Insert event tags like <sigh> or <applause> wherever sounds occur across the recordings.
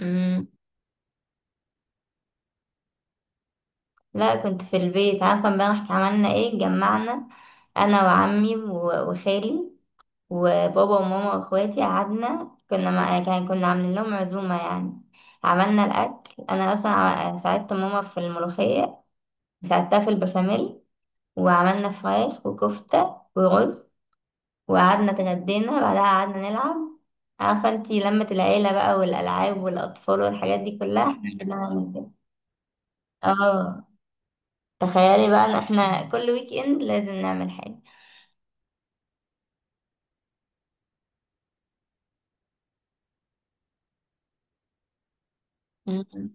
مم. لا، كنت في البيت. عارفة امبارح عملنا ايه؟ جمعنا انا وعمي وخالي وبابا وماما واخواتي، قعدنا كنا عاملين لهم عزومة يعني. عملنا الاكل، انا اصلا ساعدت ماما في الملوخية، ساعدتها في البشاميل، وعملنا فراخ وكفتة ورز، وقعدنا اتغدينا، بعدها قعدنا نلعب. عارفة انتي لمة العيلة بقى، والألعاب والأطفال والحاجات دي كلها، احنا قعدنا نعمل كده. اه. تخيلي بقى ان احنا كل ويك اند لازم نعمل حاجة. مم.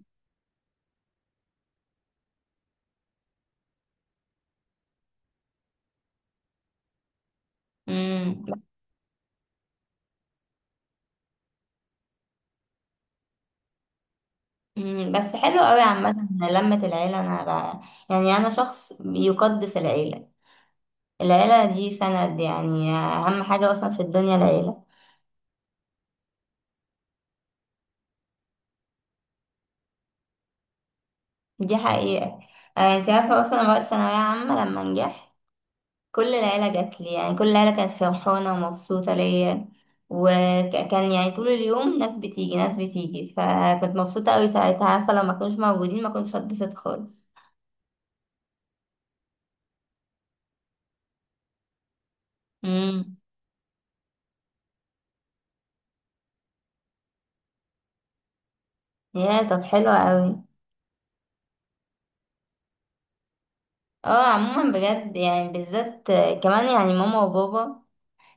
امم. بس حلو قوي عامة، إن لمة العيلة، انا بقى يعني انا شخص يقدس العيلة. العيلة دي سند، يعني اهم حاجة اصلا في الدنيا العيلة. دي حقيقة. انت عارفة اصلا أنا وقت ثانوية عامة لما نجحت، كل العيلة جات لي، يعني كل العيلة كانت فرحانة ومبسوطة ليا، وكان يعني طول اليوم ناس بتيجي ناس بتيجي، فكنت مبسوطة قوي ساعتها. عارفة لو ما كانوش موجودين ما كنتش هتبسط خالص. امم. يا طب حلو قوي. اه، عموما بجد يعني بالذات كمان يعني ماما وبابا،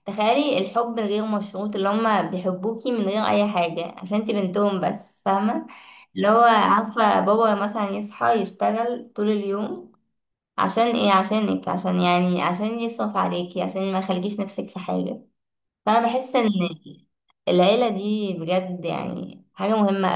تخيلي الحب الغير مشروط اللي هما بيحبوكي من غير اي حاجة، عشان انتي بنتهم بس، فاهمة؟ اللي هو عارفة بابا مثلا يصحى يشتغل طول اليوم، عشان ايه؟ عشانك، عشان يعني عشان يصرف عليكي، عشان ما يخليكيش نفسك في حاجة. فانا بحس ان العيلة دي بجد يعني حاجة مهمة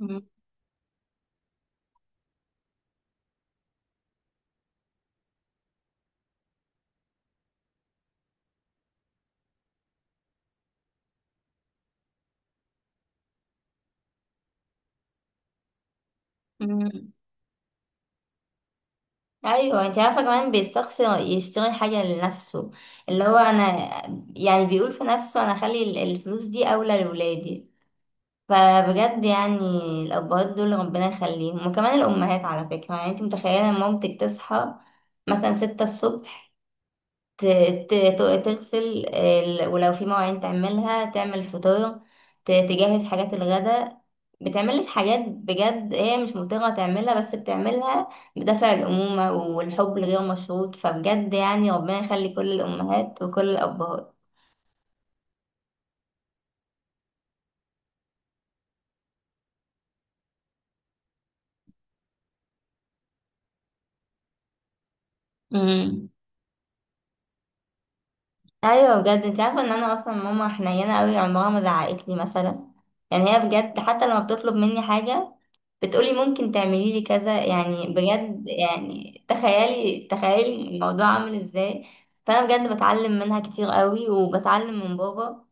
قوي. ايوه، انت عارفه كمان بيستخسر يشتري حاجه لنفسه، اللي هو انا يعني بيقول في نفسه انا اخلي الفلوس دي اولى لولادي. فبجد يعني الابهات دول ربنا يخليهم، وكمان الامهات على فكره. يعني انت متخيله مامتك تصحى مثلا 6 الصبح، ت- تغسل ولو في مواعين، تعملها، تعمل فطار، تجهز حاجات الغداء. بتعمل لك حاجات بجد هي مش مضطرة تعملها، بس بتعملها بدافع الأمومة والحب الغير مشروط. فبجد يعني ربنا يخلي كل الأمهات وكل الأبهات. امم. أيوة بجد. انت عارفة ان أنا أصلا ماما حنينة أوي، عمرها ما زعقتلي مثلا. يعني هي بجد حتى لما بتطلب مني حاجة بتقولي ممكن تعملي لي كذا، يعني بجد يعني تخيلي تخيلي الموضوع عامل ازاي. فانا بجد بتعلم منها كتير قوي، وبتعلم من بابا.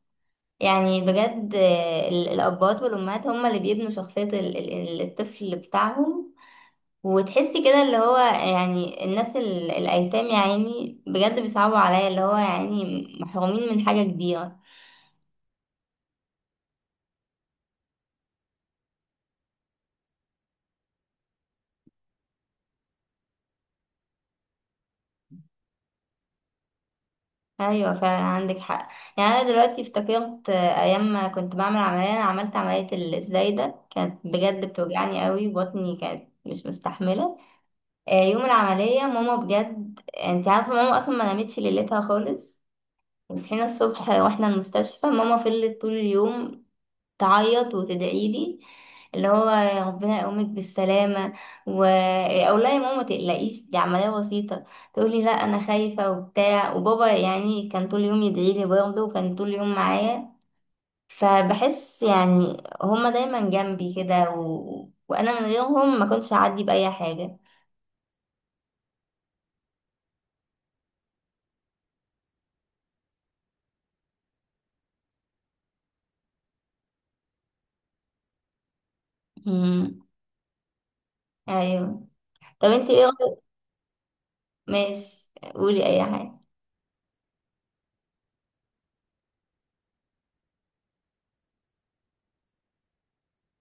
يعني بجد الابات والامهات هم اللي بيبنوا شخصية الطفل بتاعهم. وتحسي كده اللي هو يعني الناس الايتام يعني بجد بيصعبوا عليا، اللي هو يعني محرومين من حاجة كبيرة. ايوه فعلا عندك حق. يعني انا دلوقتي افتكرت ايام ما كنت بعمل عمليه. انا عملت عمليه الزايده، كانت بجد بتوجعني قوي، بطني كانت مش مستحمله. يوم العمليه ماما بجد، انت عارفه ماما اصلا ما نامتش ليلتها خالص. وصحينا الصبح واحنا المستشفى، ماما فضلت طول اليوم تعيط وتدعي لي، اللي هو يا ربنا يقومك بالسلامة. و أقول لها يا ماما ما تقلقيش، دي عملية بسيطة. تقولي لا أنا خايفة وبتاع. وبابا يعني كان طول اليوم يدعي لي برضه، وكان طول اليوم معايا. فبحس يعني هما دايما جنبي كده، وأنا من غيرهم ما كنتش هعدي بأي حاجة. مم. أيوه. طب انتي ايه رأيك؟ ماشي، قولي أي حاجة.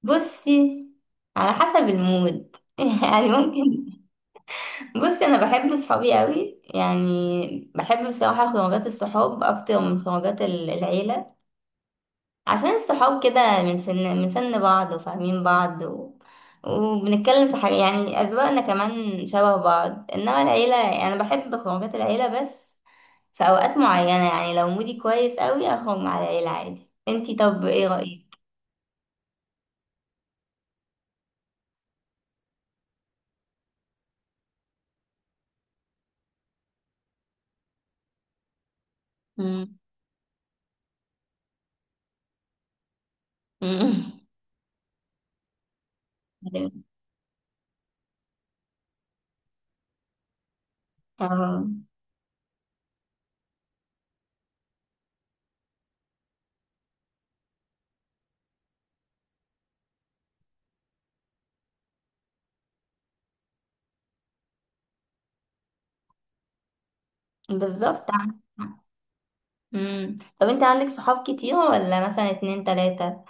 بصي، على حسب المود <laughs> يعني ممكن. بصي انا بحب صحابي قوي، يعني بحب بصراحه خروجات الصحاب اكتر من خروجات العيله. عشان الصحاب كده من سن بعض وفاهمين بعض وبنتكلم في حاجه، يعني اذواقنا كمان شبه بعض. انما العيله يعني انا بحب خروجات العيله بس في اوقات معينه، يعني لو مودي كويس قوي اخرج مع العيله عادي. انتي طب ايه رايك؟ مم. آه. <laughs> بالظبط. مم. طب انت عندك صحاب كتير ولا مثلا اتنين تلاته؟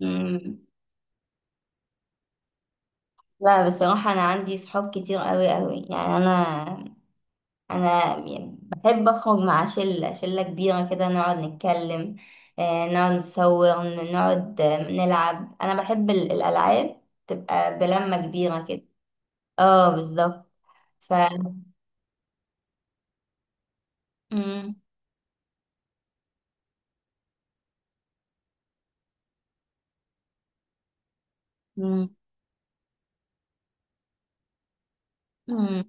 مم. لا بصراحة، أنا عندي صحاب كتير قوي قوي، يعني أنا بحب أخرج مع شلة كبيرة كده نقعد نتكلم، نقعد نصور، نقعد نلعب. أنا بحب الألعاب، تبقى بلمة كبيرة كده. اه بالظبط. ف مم. مم. مم.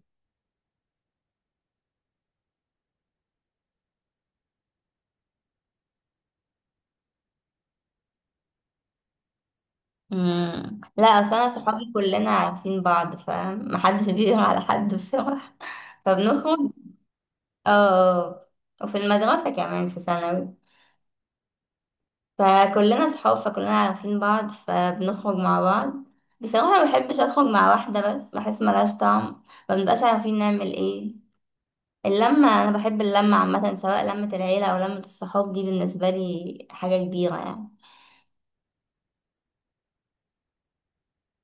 مم. لا أصل أنا صحابي كلنا عارفين بعض، فمحدش بيغير على حد بصراحة <laughs> فبنخرج. اه. وفي المدرسة كمان في ثانوي، فكلنا صحاب، فكلنا عارفين بعض، فبنخرج مع بعض. بصراحة ما بحبش أخرج مع واحدة بس، بحس ملهاش طعم، ما بنبقاش عارفين نعمل ايه. اللمة أنا بحب اللمة عامة، سواء لمة العيلة أو لمة الصحاب، دي بالنسبة لي حاجة كبيرة يعني.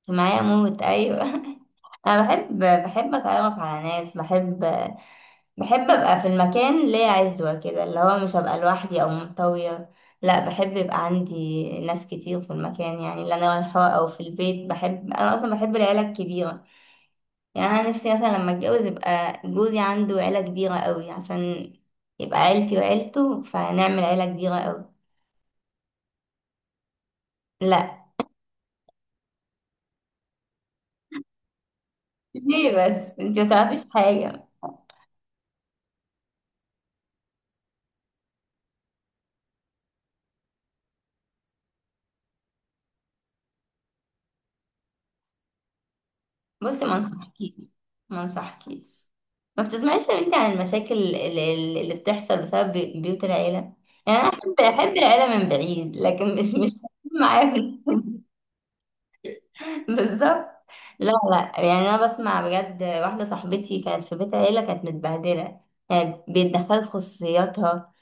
معايا موت أيوة <laughs> أنا بحب أتعرف على ناس، بحب ابقى في المكان ليا عزوة كده، اللي هو مش هبقى لوحدي او منطوية. لا، بحب يبقى عندي ناس كتير في المكان، يعني اللي انا رايحاه او في البيت. بحب انا اصلا بحب العيلة الكبيرة. يعني انا نفسي مثلا لما اتجوز يبقى جوزي عنده عيلة كبيرة قوي، عشان يبقى عيلتي وعيلته، فنعمل عيلة كبيرة قوي. لا. ليه بس؟ انت متعرفيش حاجة. بصي ما انصحكيش، ما انصحكيش. ما بتسمعيش يا بنتي عن المشاكل اللي بتحصل بسبب بيوت العيلة؟ يعني أنا أحب العيلة من بعيد، لكن مش معايا <laughs> بالظبط. لا لا، يعني أنا بسمع بجد. واحدة صاحبتي كانت في بيت عيلة كانت متبهدلة، يعني بيتدخلوا في خصوصياتها.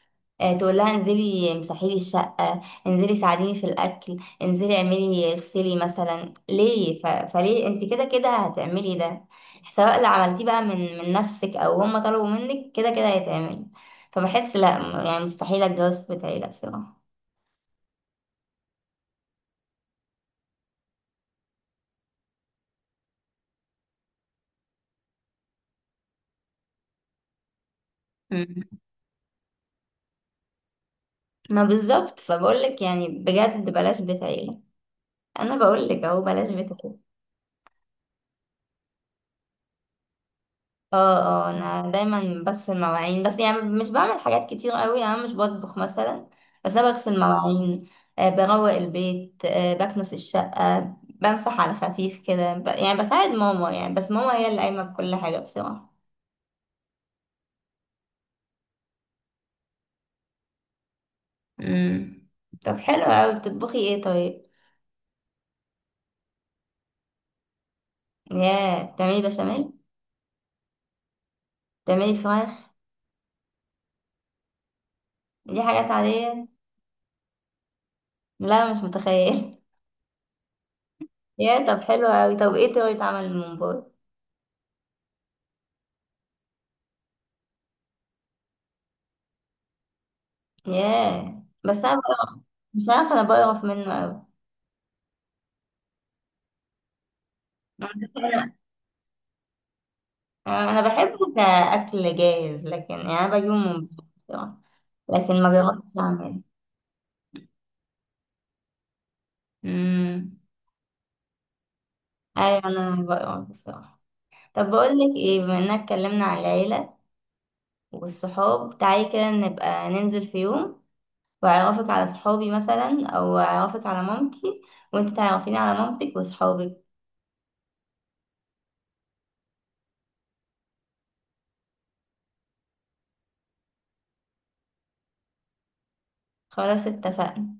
تقول لها انزلي امسحي لي الشقة، انزلي ساعديني في الأكل، انزلي اعملي اغسلي، مثلا ليه؟ فليه انت كده كده هتعملي ده؟ سواء اللي عملتيه بقى من نفسك او هم طلبوا منك، كده كده هيتعمل. فبحس لا، يعني مستحيل اتجوز في بيت عيلة بصراحة. مم. ما بالظبط، فبقولك يعني بجد بلاش بيت عيلة. انا بقولك اهو، بلاش بيت. اه. اه انا دايما بغسل مواعين بس، يعني مش بعمل حاجات كتير قوي، يعني أنا مش بطبخ مثلا، بس انا بغسل مواعين. آه بروق البيت، آه بكنس الشقة، بمسح على خفيف كده، يعني بساعد ماما يعني، بس ماما هي اللي قايمة بكل حاجة بصراحة. امم. طب حلو قوي، بتطبخي ايه طيب؟ يا بتعملي بشاميل؟ بتعملي فراخ؟ دي حاجات عادية. لا مش متخيل <laughs> يا طب حلو قوي، طب ايه طريقة عمل الممبار؟ يا بس انا مش عارفة انا بقرف منه قوي. انا بحبه كاكل جاهز، لكن يعني انا بجيبه من بره بصراحه، لكن ما جربتش اعمله. امم. ايوه انا بقرا بصراحه. طب بقول لك ايه، بما اننا اتكلمنا عن العيله والصحاب، تعالي كده نبقى ننزل في يوم، واعرفك على صحابي مثلا او اعرفك على مامتي، وانت تعرفيني على مامتك وصحابك. خلاص اتفقنا.